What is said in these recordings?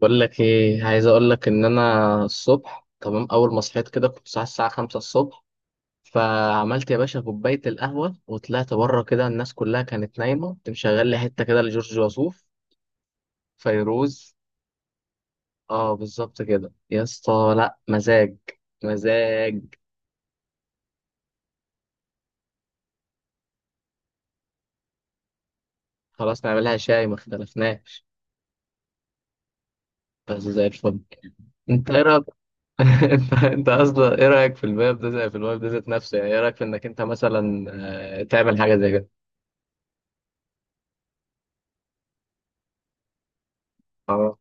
بقول لك ايه، عايز اقول لك ان انا الصبح تمام. اول ما صحيت كده كنت صاحي الساعه 5 الصبح، فعملت يا باشا كوبايه القهوه وطلعت بره كده. الناس كلها كانت نايمه، كنت مشغل لي حته كده لجورج وسوف، فيروز. اه بالظبط كده يا اسطى، لا مزاج مزاج. خلاص نعملها شاي، ما اختلفناش، بس زي الفل. انت ايه رايك؟ انت اصلا ايه رايك في الباب ده، زي في الباب ده ذات نفسه، يعني ايه رايك في انك انت مثلا تعمل حاجه زي كده؟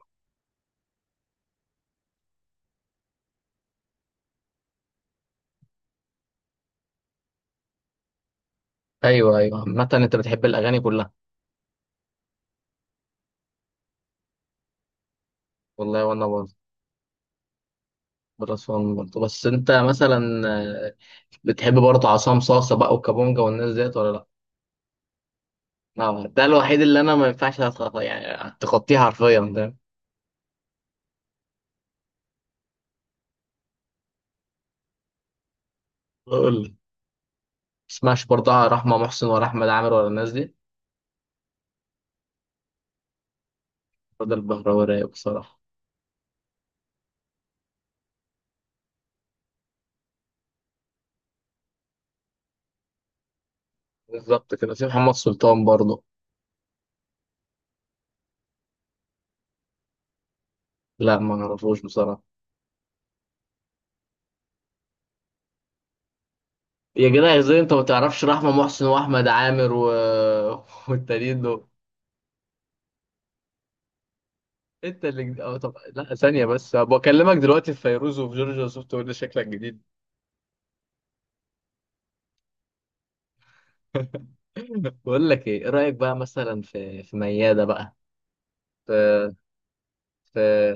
ايوه ايوه، عامة انت بتحب الاغاني كلها. والله وانا برضه بالاسوان برضه، بس انت مثلا آه، بتحب برضه عصام صاصة بقى وكابونجا والناس ديت ولا لا؟ لا، ده الوحيد اللي انا ما ينفعش يعني تخطيه حرفيا ده. بقول لك، تسمعش برضه رحمة محسن ولا احمد عامر ولا الناس دي؟ رضا البهراوي رايق بصراحة. بالظبط كده، في محمد سلطان برضه. لا، ما اعرفوش بصراحة. يا جدع ازاي انت ما تعرفش رحمة محسن واحمد عامر والتانيين دول. انت اللي طب لا ثانية بس، بكلمك دلوقتي في فيروز وفي جورجيا سوفت وير شكلك جديد. بقول لك ايه، إيه رأيك بقى مثلا في في ميادة بقى؟ في في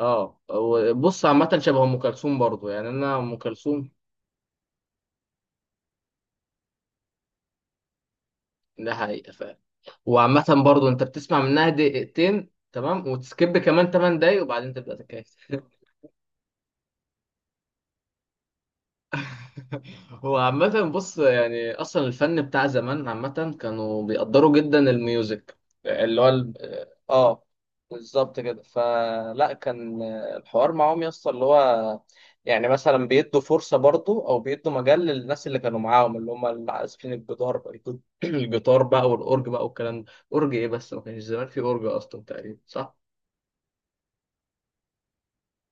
اه هو بص، عامة شبه ام كلثوم برضه. يعني انا ام كلثوم ده حقيقة فعلا، وعامة برضه انت بتسمع منها دقيقتين تمام وتسكيب كمان 8 دقايق وبعدين تبدأ تتكيف. هو عامة بص، يعني أصلا الفن بتاع زمان عامة كانوا بيقدروا جدا الميوزك، اللي هو اه بالظبط كده. فلا كان الحوار معاهم يسطا اللي هو، يعني مثلا بيدوا فرصة برضو أو بيدوا مجال للناس اللي كانوا معاهم، اللي هم اللي عازفين الجدار بقى الجيتار بقى والأورج بقى والكلام ده. أورج إيه بس، ما كانش زمان في أورج أصلا تقريبا صح؟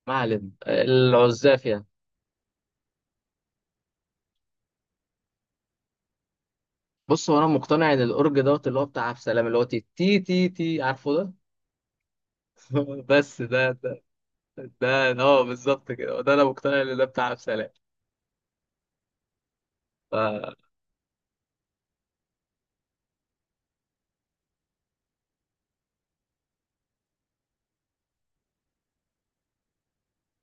ما علينا، العزاف يعني. بص، هو انا مقتنع ان الاورج دوت اللي هو بتاع عبد السلام، اللي هو تي تي تي تي، عارفه ده؟ بس ده اه بالظبط كده، ده انا مقتنع ان ده بتاع عبد السلام. ف-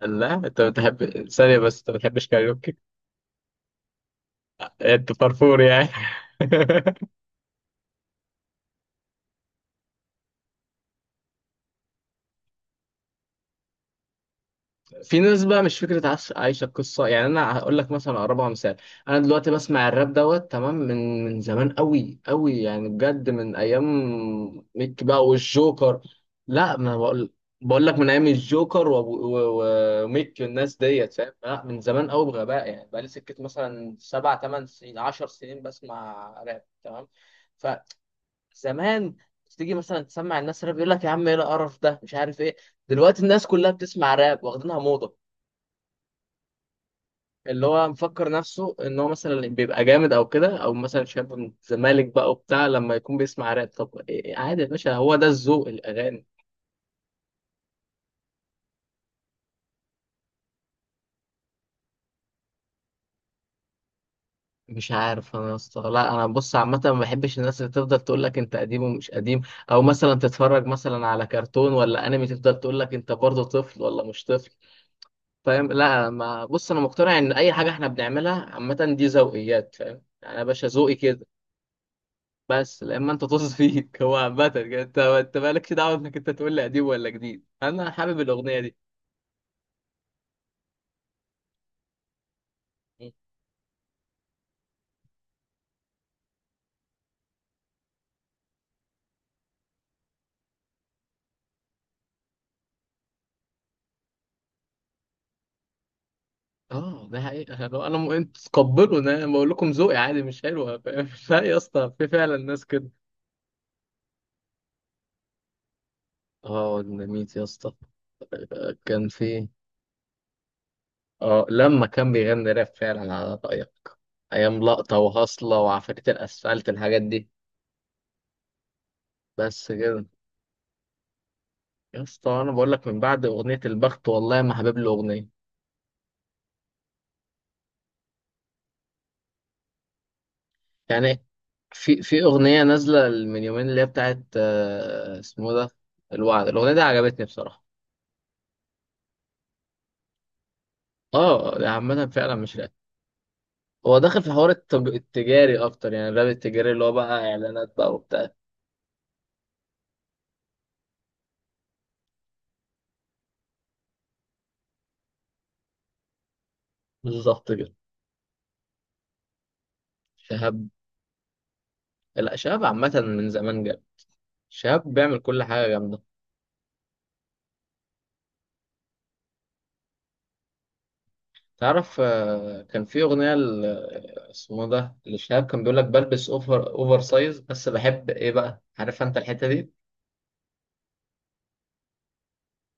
لا، انت بتحب ثانيه بس، انت ما بتحبش كاريوكي؟ انت فرفور يعني. في ناس بقى مش فكرة عايشة القصة. يعني أنا هقول لك مثلا أقربها مثال، أنا دلوقتي بسمع الراب دوت تمام من زمان أوي أوي، يعني بجد من أيام ميك بقى والجوكر. لا، ما بقول، بقول لك من أيام الجوكر وميك والناس ديت، فاهم؟ لا، من زمان أوي بغباء، يعني بقى لي سكة مثلا سبع تمن سنين عشر سنين بسمع راب تمام. فزمان تيجي مثلا تسمع الناس راب يقول لك يا عم ايه القرف ده مش عارف ايه، دلوقتي الناس كلها بتسمع راب واخدينها موضة. اللي هو مفكر نفسه ان هو مثلا بيبقى جامد او كده، او مثلا شاب من الزمالك بقى وبتاع لما يكون بيسمع راب. طب عادي يا باشا، هو ده الذوق الاغاني. مش عارف انا يا اسطى، لا انا بص عامه ما بحبش الناس اللي تفضل تقول لك انت قديم ومش قديم، او مثلا تتفرج مثلا على كرتون ولا انمي تفضل تقول لك انت برضه طفل ولا مش طفل، فاهم؟ لا ما بص، انا مقتنع ان اي حاجه احنا بنعملها عامه دي ذوقيات، فاهم يعني يا باشا؟ ذوقي كده، بس لما انت طز فيك. هو عامة كده، انت مالكش دعوة انك انت تقول لي قديم ولا جديد، انا حابب الاغنية دي. اه ده حقيقة، لو انا انتوا تقبلوا انا، أنا بقول لكم ذوقي، عادي مش حلوة. فاهم؟ لا يا اسطى، في فعلا ناس كده. اه ديناميت يا اسطى، كان في، اه لما كان بيغني راب فعلا على رأيك، ايام لقطة وهصلة وعفاريت الاسفلت الحاجات دي. بس كده، يا اسطى انا بقول لك من بعد اغنية البخت والله ما حابب له اغنية. يعني في في أغنية نازلة من يومين اللي هي بتاعت اسمه ده، الوعد. الأغنية دي عجبتني بصراحة. اه ده عامة فعلا مش راب، هو داخل في حوار التجاري أكتر، يعني الراب التجاري اللي هو بقى إعلانات بقى وبتاع. بالظبط كده. شهاب، لا شهاب عامة من زمان جامد، شهاب بيعمل كل حاجة جامدة. تعرف كان في أغنية اسمه ده لشهاب، كان بيقول لك بلبس أوفر أوفر سايز بس بحب إيه بقى، عارف أنت الحتة دي؟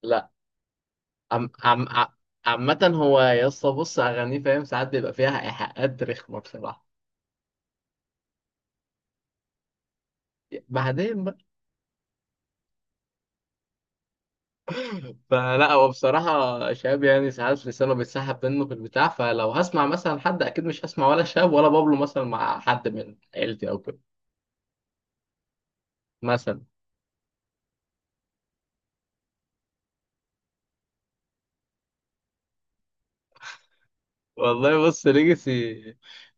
لا عم عم ع- عامة هو يا اسطى بص أغانيه فاهم، ساعات بيبقى فيها إيحاءات رخمة بصراحة. بعدين بقى، فلا هو بصراحة شاب، يعني ساعات لسانه بيتسحب منه في البتاع. فلو هسمع مثلا حد أكيد مش هسمع ولا شاب ولا بابلو مثلا مع حد من عيلتي أو كده مثلا. والله بص ليجاسي،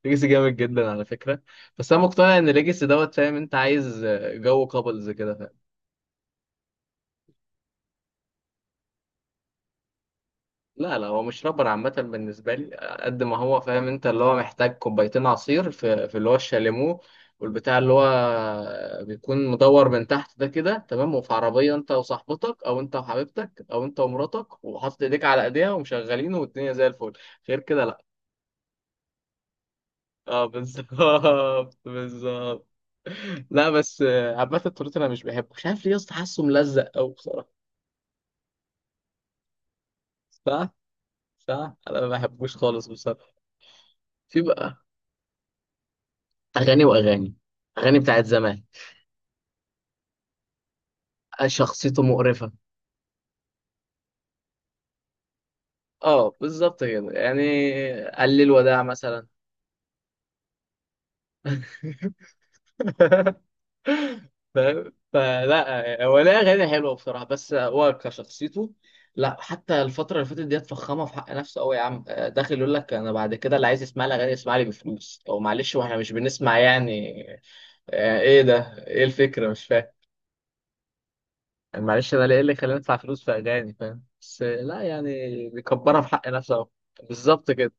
ليجاسي جامد جدا على فكرة، بس أنا مقتنع إن ليجاسي دوت فاهم أنت، عايز جو كابلز كده. لا لا، هو مش رابر عامة بالنسبة لي، قد ما هو فاهم انت اللي هو محتاج كوبايتين عصير في اللي هو الشاليمو، والبتاع اللي هو بيكون مدور من تحت ده كده تمام، وفي عربية انت وصاحبتك او انت وحبيبتك او انت ومراتك وحاطط ايديك على ايديها ومشغلينه، والدنيا زي الفل. غير كده لا. اه بالظبط بالظبط. لا بس عامة التورت انا مش بحبه، مش عارف ليه يا اسطى، حاسه ملزق قوي بصراحة. صح صح، انا ما بحبوش خالص بصراحة. في بقى اغاني واغاني، اغاني بتاعت زمان. شخصيته مقرفة. اه بالظبط كده يعني، قلل الوداع مثلا. فاهم؟ فلا هو ليه أغاني حلوة بصراحة، بس هو كشخصيته، لا حتى الفترة اللي فاتت دي اتفخمها في حق نفسه قوي يا عم. داخل يقول لك أنا بعد كده اللي عايز يسمع لي أغاني يسمع لي بفلوس. أو معلش، وإحنا مش بنسمع يعني، يعني إيه ده؟ إيه الفكرة مش فاهم يعني؟ معلش، أنا ليه إيه اللي خلاني أدفع فلوس في أغاني، فاهم؟ بس لا يعني بيكبرها في حق نفسه أوي. بالظبط كده.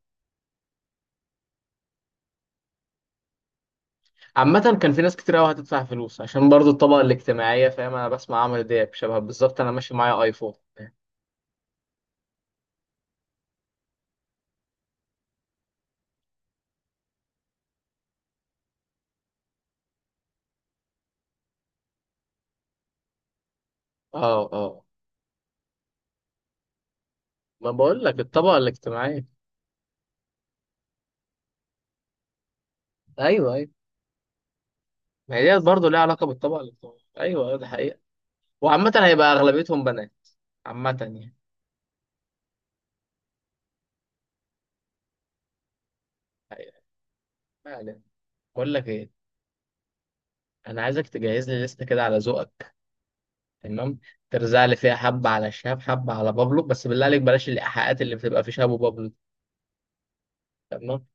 عامة كان في ناس كتير قوي هتدفع فلوس عشان برضو الطبقة الاجتماعية، فاهم؟ انا بسمع عمرو دياب شبه بالظبط، انا ماشي معايا ايفون. اه اه، ما بقول لك الطبقة الاجتماعية. ايوه ايوه، ما هي ديت برضه ليها علاقة بالطبقة الاجتماعية، ايوه ايوه ده حقيقة. وعامة هيبقى اغلبيتهم بنات، عامة يعني. أيوة. ما علينا، بقول لك ايه، انا عايزك تجهز لي لستة كده على ذوقك، تمام؟ ترزع لي فيها حبة على شهاب حبة على بابلو، بس بالله عليك بلاش الايحاءات اللي بتبقى في شهاب وبابلو. تمام.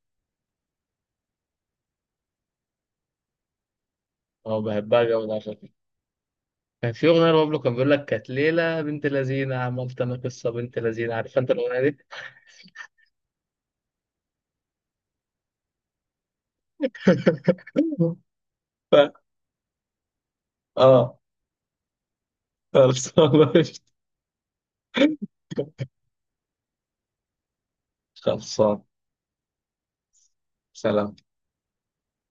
اه بحبها جامد، عشان كان في أغنية لبابلو كان بيقول لك كانت ليلة بنت لذينة، عملت أنا قصة بنت لذينة، عارف أنت الأغنية دي؟ ف... آه خلصان. خلصان. سلام.